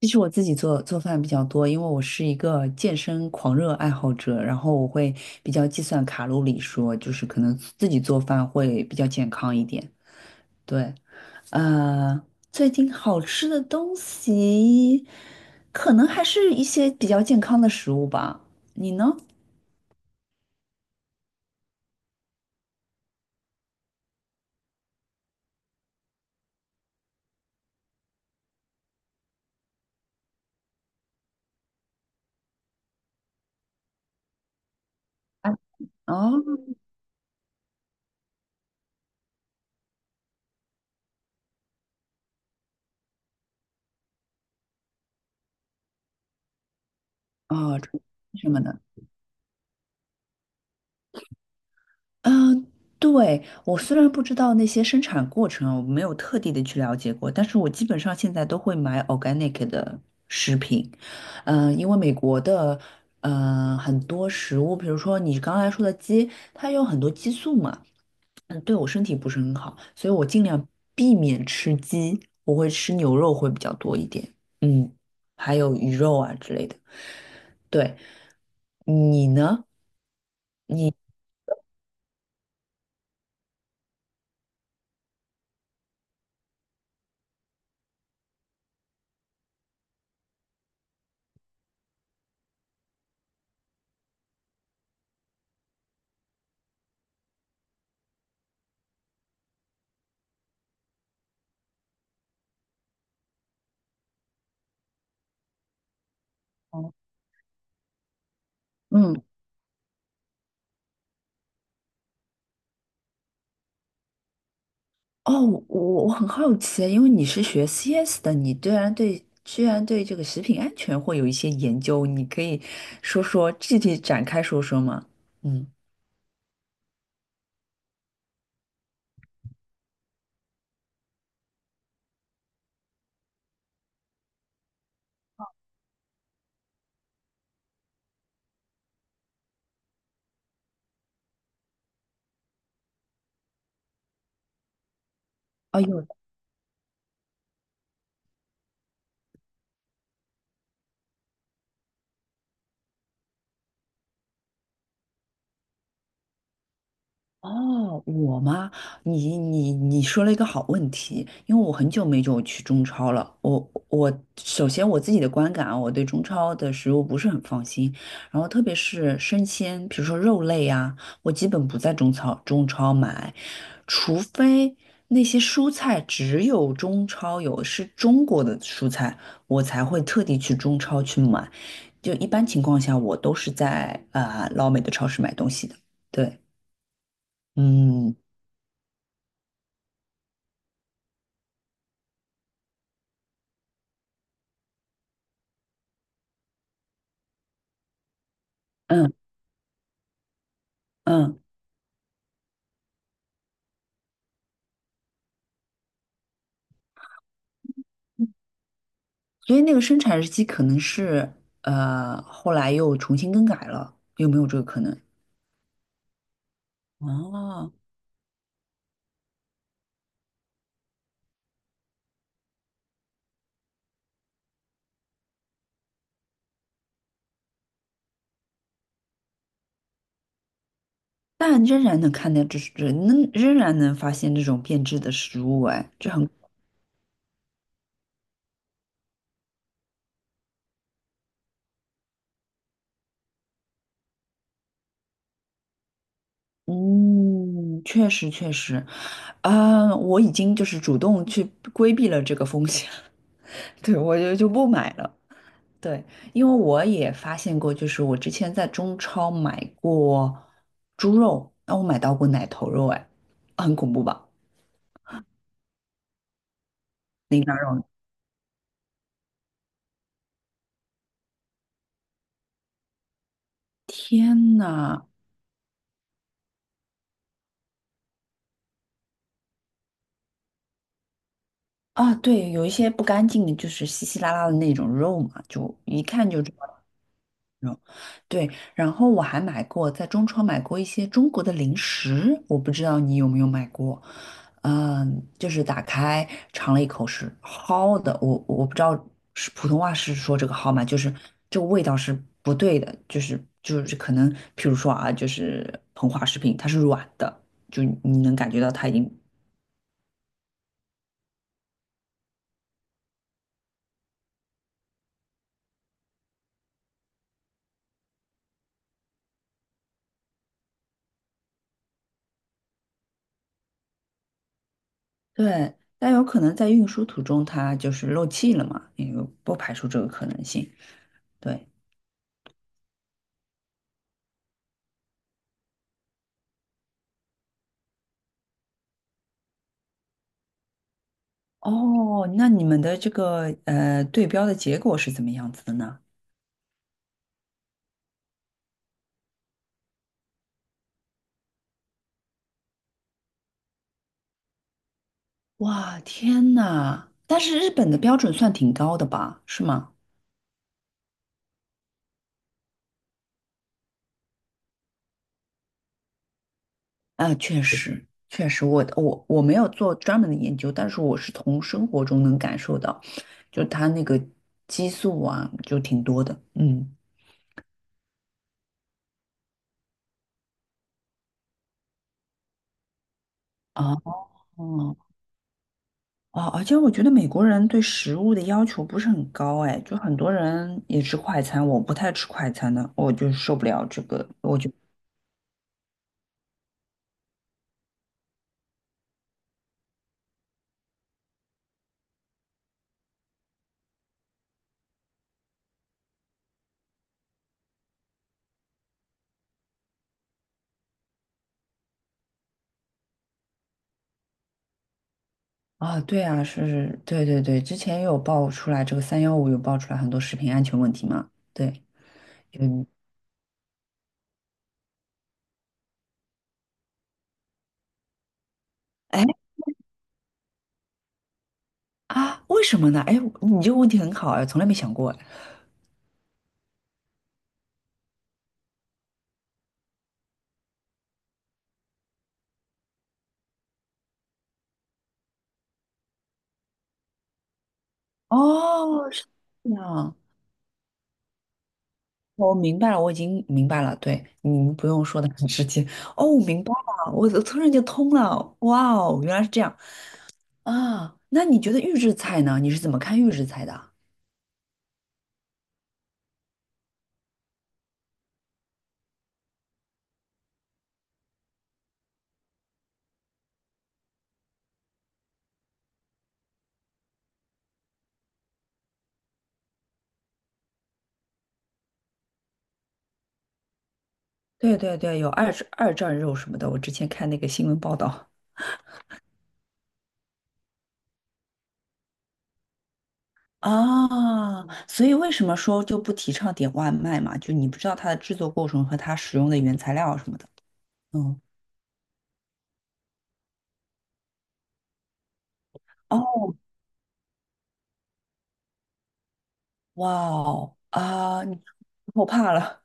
其实我自己做饭比较多，因为我是一个健身狂热爱好者，然后我会比较计算卡路里说，就是可能自己做饭会比较健康一点。对。呃，最近好吃的东西，可能还是一些比较健康的食物吧。你呢？啊。哦。哦，什么的？嗯，呃对，我虽然不知道那些生产过程，我没有特地的去了解过，但是我基本上现在都会买 organic 的食品。嗯，因为美国的，很多食物，比如说你刚才说的鸡，它有很多激素嘛。嗯，对我身体不是很好，所以我尽量避免吃鸡，我会吃牛肉会比较多一点。嗯，还有鱼肉啊之类的。对，你呢？你。嗯。哦，我我很好奇，因为你是学 CS 的，你居然对这个食品安全会有一些研究，你可以说说具体展开吗？嗯。哦有。哦，我吗？你说了一个好问题，因为我很久没有去中超了。我首先我自己的观感啊，我对中超的食物不是很放心，然后特别是生鲜，比如说肉类啊，我基本不在中超买，除非那些蔬菜只有中超有，是中国的蔬菜，我才会特地去中超去买。就一般情况下，我都是在老美的超市买东西的。对。嗯。嗯嗯，所以那个生产日期可能是后来又重新更改了，有没有这个可能？哦，但仍然能发现这种变质的食物，哎，这很嗯，确实确实啊，我已经就是主动去规避了这个风险。对，我就不买了。对，因为我也发现过，就是我之前在中超买过猪肉，那我买到过奶头肉，哎，很恐怖吧？天呐。啊，对，有一些不干净的，就是稀稀拉拉的那种肉嘛，就一看就知道那种。对，然后我还买过，在中超买过一些中国的零食，我不知道你有没有买过。嗯，就是打开尝了一口是蒿的，我不知道是普通话是说这个蒿吗？就是这个味道是不对的，就是可能，譬如说啊，就是膨化食品，它是软的，就你能感觉到它已经对，但有可能在运输途中它就是漏气了嘛，也有不排除这个可能性。对。哦，那你们的这个对标的结果是怎么样子的呢？哇，天呐！但是日本的标准算挺高的吧？是吗？啊，确实，确实，我没有做专门的研究，但是我是从生活中能感受到，就它那个激素啊，就挺多的。嗯。哦。哦，而且我觉得美国人对食物的要求不是很高，哎，就很多人也吃快餐，我不太吃快餐的，我就受不了这个，我就啊，对啊，是，对对对，之前也有爆出来这个三幺五有爆出来很多食品安全问题嘛。对。嗯。哎，啊，为什么呢？哎，你这个问题很好哎，从来没想过哎。哦，是这样。我明白了，我已经明白了。对，你们不用说的很直接。哦，我明白了，我突然就通了。哇哦，原来是这样。啊，那你觉得预制菜呢？你是怎么看预制菜的啊对对对，有二战肉什么的，我之前看那个新闻报道。啊，所以为什么说就不提倡点外卖嘛？就你不知道它的制作过程和它使用的原材料什么的。嗯。哦。哇哦，啊，你我怕了。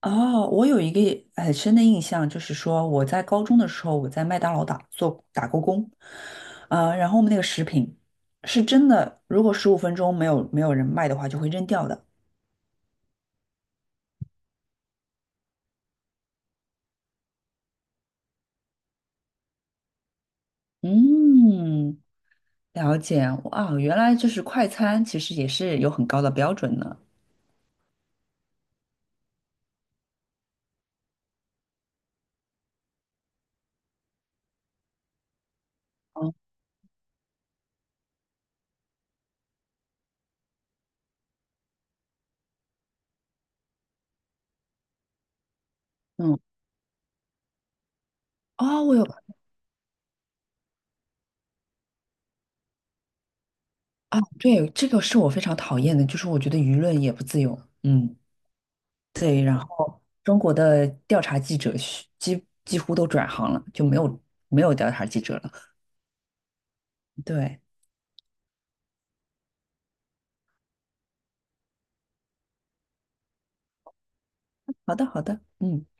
哦，我有一个很深的印象，就是说我在高中的时候，我在麦当劳打过工。然后我们那个食品是真的，如果15分钟没有人卖的话，就会扔掉的。嗯，了解。啊，原来就是快餐其实也是有很高的标准的。哦。嗯，哦，我有啊，对，这个是我非常讨厌的，就是我觉得舆论也不自由。嗯。对。中国的调查记者是几乎都转行了，就没有调查记者了。对。好的，好的，嗯，